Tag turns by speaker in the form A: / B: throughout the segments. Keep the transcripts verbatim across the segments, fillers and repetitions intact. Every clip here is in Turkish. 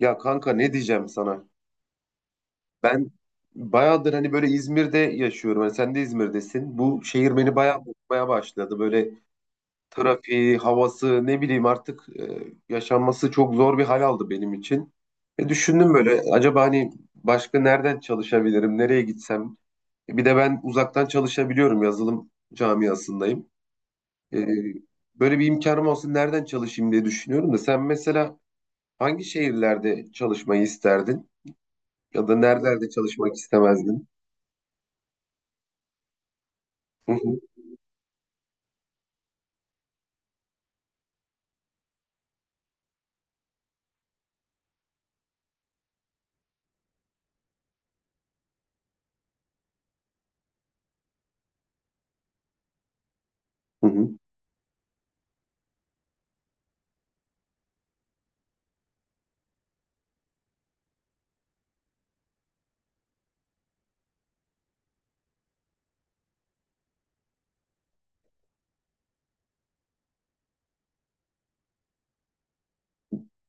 A: Ya kanka ne diyeceğim sana? Ben bayağıdır hani böyle İzmir'de yaşıyorum. Hani sen de İzmir'desin. Bu şehir beni bayağı bozmaya başladı. Böyle trafiği, havası ne bileyim artık e, yaşanması çok zor bir hal aldı benim için. E, düşündüm böyle acaba hani başka nereden çalışabilirim? Nereye gitsem? E, bir de ben uzaktan çalışabiliyorum. Yazılım camiasındayım. E, Böyle bir imkanım olsun nereden çalışayım diye düşünüyorum da sen mesela hangi şehirlerde çalışmayı isterdin? Ya da nerelerde çalışmak istemezdin? Hı hı, hı hı.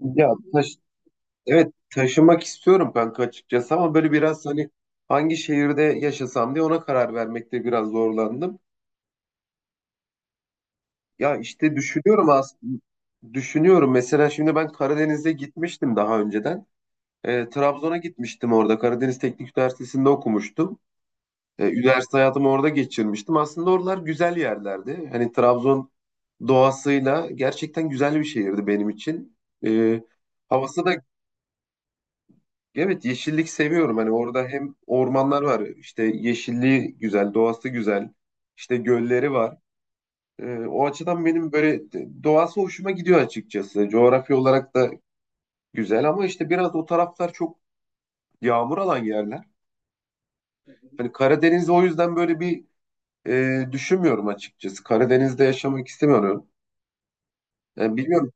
A: Ya taş, evet taşımak istiyorum kanka açıkçası ama böyle biraz hani hangi şehirde yaşasam diye ona karar vermekte biraz zorlandım. Ya işte düşünüyorum aslında düşünüyorum mesela şimdi ben Karadeniz'e gitmiştim daha önceden. Ee, Trabzon'a gitmiştim orada Karadeniz Teknik Üniversitesi'nde okumuştum. E, üniversite hayatımı orada geçirmiştim. Aslında oralar güzel yerlerdi. Hani Trabzon doğasıyla gerçekten güzel bir şehirdi benim için. E, Havası da evet yeşillik seviyorum. Hani orada hem ormanlar var, işte yeşilliği güzel, doğası güzel, işte gölleri var. E, o açıdan benim böyle de- doğası hoşuma gidiyor açıkçası. Coğrafya olarak da güzel ama işte biraz o taraflar çok yağmur alan yerler. Hani Karadeniz o yüzden böyle bir e, düşünmüyorum açıkçası. Karadeniz'de yaşamak istemiyorum. Yani bilmiyorum.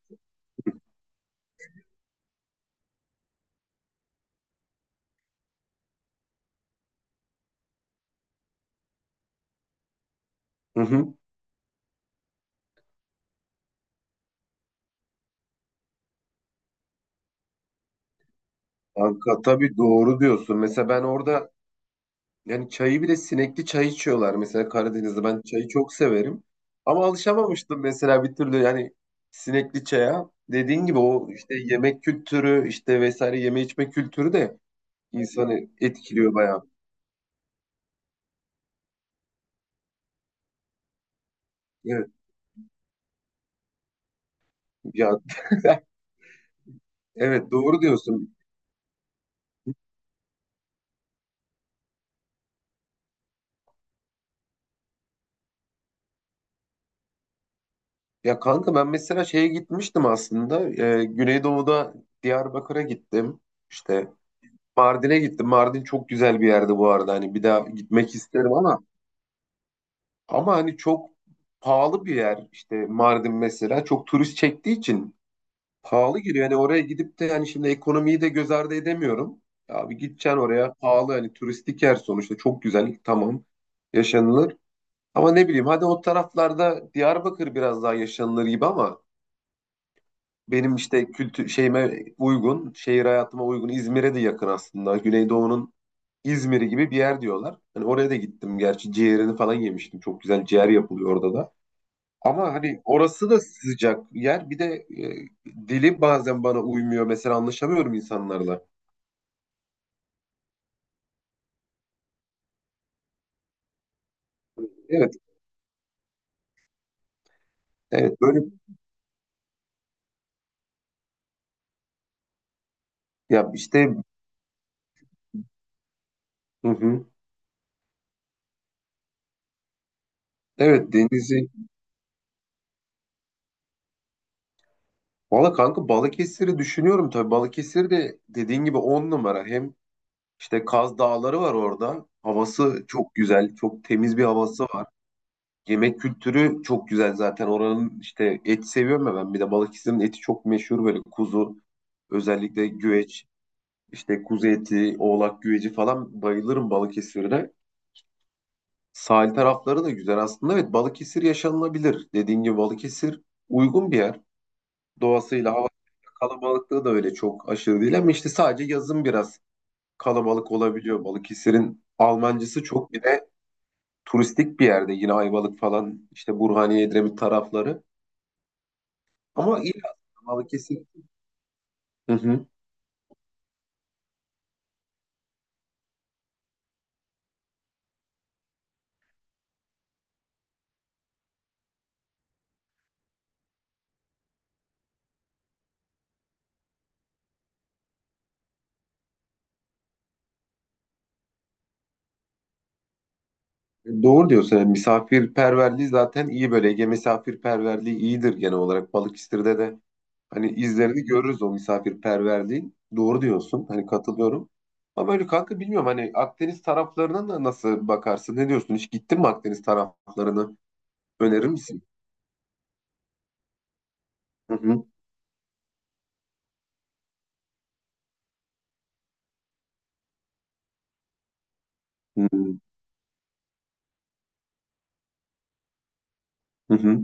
A: Hı hı. Kanka tabii doğru diyorsun. Mesela ben orada yani çayı bile sinekli çay içiyorlar. Mesela Karadeniz'de ben çayı çok severim. Ama alışamamıştım mesela bir türlü yani sinekli çaya. Dediğin gibi o işte yemek kültürü işte vesaire yeme içme kültürü de insanı etkiliyor bayağı. Evet, ya, evet doğru diyorsun. Ya kanka ben mesela şeye gitmiştim aslında. Ee, Güneydoğu'da Diyarbakır'a gittim. İşte Mardin'e gittim. Mardin çok güzel bir yerdi bu arada. Hani bir daha gitmek isterim ama ama hani çok pahalı bir yer. İşte Mardin mesela çok turist çektiği için pahalı giriyor. Yani oraya gidip de yani şimdi ekonomiyi de göz ardı edemiyorum. Abi gideceksin oraya pahalı, hani turistik yer sonuçta, çok güzel, tamam yaşanılır. Ama ne bileyim, hadi o taraflarda Diyarbakır biraz daha yaşanılır gibi ama benim işte kültür şeyime uygun, şehir hayatıma uygun. İzmir'e de yakın aslında. Güneydoğu'nun İzmir'i gibi bir yer diyorlar. Hani oraya da gittim gerçi, ciğerini falan yemiştim. Çok güzel ciğer yapılıyor orada da. Ama hani orası da sıcak yer. Bir de e, dili bazen bana uymuyor. Mesela anlaşamıyorum insanlarla. Evet, evet böyle ya işte, hı hı. Evet denizi. Valla kanka Balıkesir'i düşünüyorum tabii. Balıkesir de dediğin gibi on numara. Hem İşte Kaz Dağları var orada. Havası çok güzel, çok temiz bir havası var. Yemek kültürü çok güzel zaten. Oranın işte, et seviyorum ya ben. Bir de Balıkesir'in eti çok meşhur, böyle kuzu, özellikle güveç, işte kuzu eti, oğlak güveci falan, bayılırım Balıkesir'e. Sahil tarafları da güzel aslında. Evet Balıkesir yaşanılabilir. Dediğin gibi Balıkesir uygun bir yer. Doğasıyla, hava kalabalıklığı da öyle çok aşırı değil ama işte sadece yazın biraz kalabalık olabiliyor. Balıkesir'in Almancısı çok, bir de turistik bir yerde yine Ayvalık falan, işte Burhaniye, Edremit tarafları. Ama iyi aslında Balıkesir. Hı hı. Doğru diyorsun. Yani misafirperverliği zaten iyi böyle. Ege misafirperverliği iyidir genel olarak. Balıkesir'de de hani izlerini görürüz o misafirperverliğin. Doğru diyorsun. Hani katılıyorum. Ama öyle kanka, bilmiyorum hani Akdeniz taraflarına da nasıl bakarsın? Ne diyorsun? Hiç gittin mi Akdeniz taraflarını? Önerir misin? Hı hı. Hı hı. Hı hı.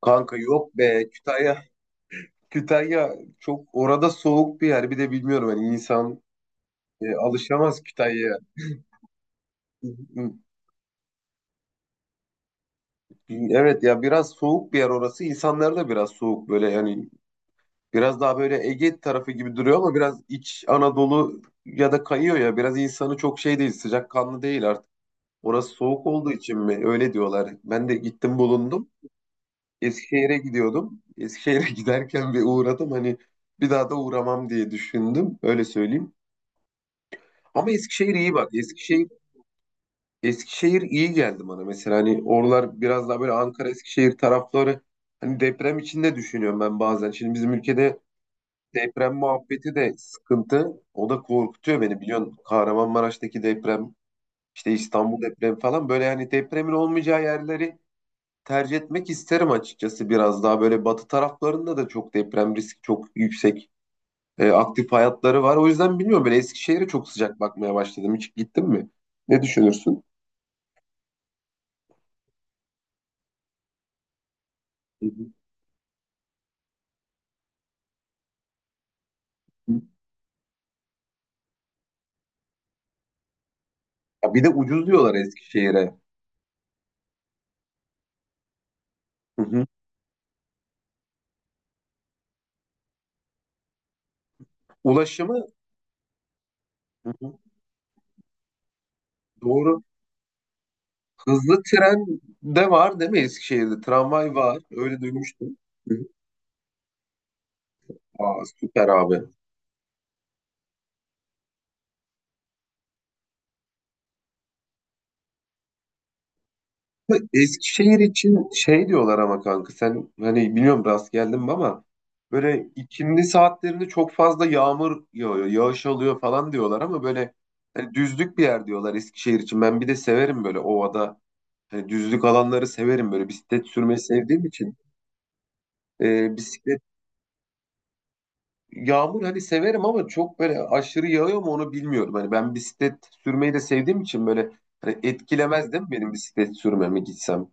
A: Kanka yok be. Kütahya Kütahya çok orada soğuk bir yer. Bir de bilmiyorum hani insan e, alışamaz Kütahya'ya. Evet ya biraz soğuk bir yer orası. İnsanlar da biraz soğuk böyle yani biraz daha böyle Ege tarafı gibi duruyor ama biraz iç Anadolu ya da kayıyor ya. Biraz insanı çok şey değil, sıcakkanlı değil artık. Orası soğuk olduğu için mi? Öyle diyorlar. Ben de gittim bulundum. Eskişehir'e gidiyordum. Eskişehir'e giderken bir uğradım. Hani bir daha da uğramam diye düşündüm. Öyle söyleyeyim. Ama Eskişehir iyi bak. Eskişehir Eskişehir iyi geldi bana mesela, hani oralar biraz daha böyle Ankara Eskişehir tarafları, hani deprem içinde düşünüyorum ben bazen. Şimdi bizim ülkede deprem muhabbeti de sıkıntı. O da korkutuyor beni, biliyorsun. Kahramanmaraş'taki deprem, işte İstanbul depremi falan, böyle hani depremin olmayacağı yerleri tercih etmek isterim açıkçası. Biraz daha böyle batı taraflarında da çok deprem riski çok yüksek. E, aktif hayatları var. O yüzden bilmiyorum, ben Eskişehir'e çok sıcak bakmaya başladım. Hiç gittin mi? Ne düşünürsün? Hı hı. Ya bir de ucuz diyorlar Eskişehir'e. Hı hı. Ulaşımı, hı hı, doğru. Hızlı tren de var değil mi Eskişehir'de? Tramvay var. Öyle duymuştum. Hı hı. Aa, süper abi. Bu Eskişehir için şey diyorlar ama kanka, sen hani bilmiyorum rast geldin mi ama, böyle ikindi saatlerinde çok fazla yağmur yağıyor, yağış alıyor falan diyorlar ama böyle hani düzlük bir yer diyorlar Eskişehir için. Ben bir de severim böyle ovada, hani düzlük alanları severim böyle, bisiklet sürmeyi sevdiğim için. Ee, bisiklet Yağmur hani severim ama çok böyle aşırı yağıyor mu onu bilmiyorum. Hani ben bisiklet sürmeyi de sevdiğim için böyle, hani etkilemez değil mi benim bisiklet sürmeme gitsem?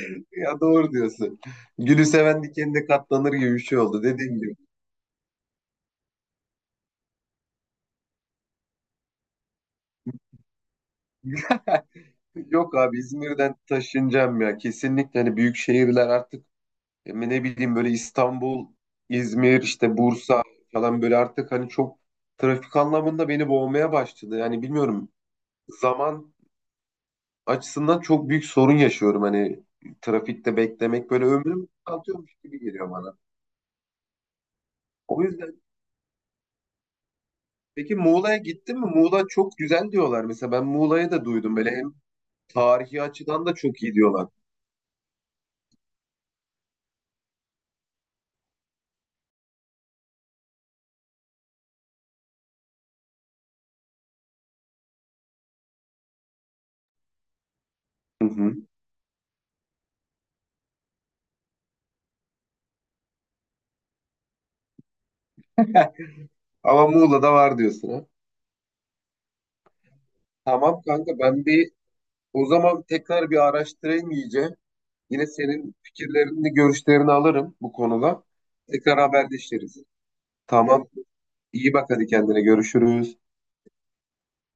A: Ya doğru diyorsun. Gülü seven dikenine katlanır gibi bir şey oldu dediğim gibi. Yok abi, İzmir'den taşınacağım ya. Kesinlikle hani büyük şehirler artık, e, ne bileyim böyle İstanbul, İzmir, işte Bursa falan, böyle artık hani çok trafik anlamında beni boğmaya başladı. Yani bilmiyorum, zaman açısından çok büyük sorun yaşıyorum. Hani trafikte beklemek böyle ömrümü atıyormuş gibi geliyor bana. O yüzden, peki Muğla'ya gittin mi? Muğla çok güzel diyorlar. Mesela ben Muğla'yı da duydum. Böyle hem tarihi açıdan da çok iyi diyorlar. Hı hı. Ama Muğla'da var diyorsun ha. Tamam kanka, ben bir o zaman tekrar bir araştırayım iyice. Yine senin fikirlerini, görüşlerini alırım bu konuda. Tekrar haberleşiriz. Tamam. İyi bak, hadi kendine, görüşürüz.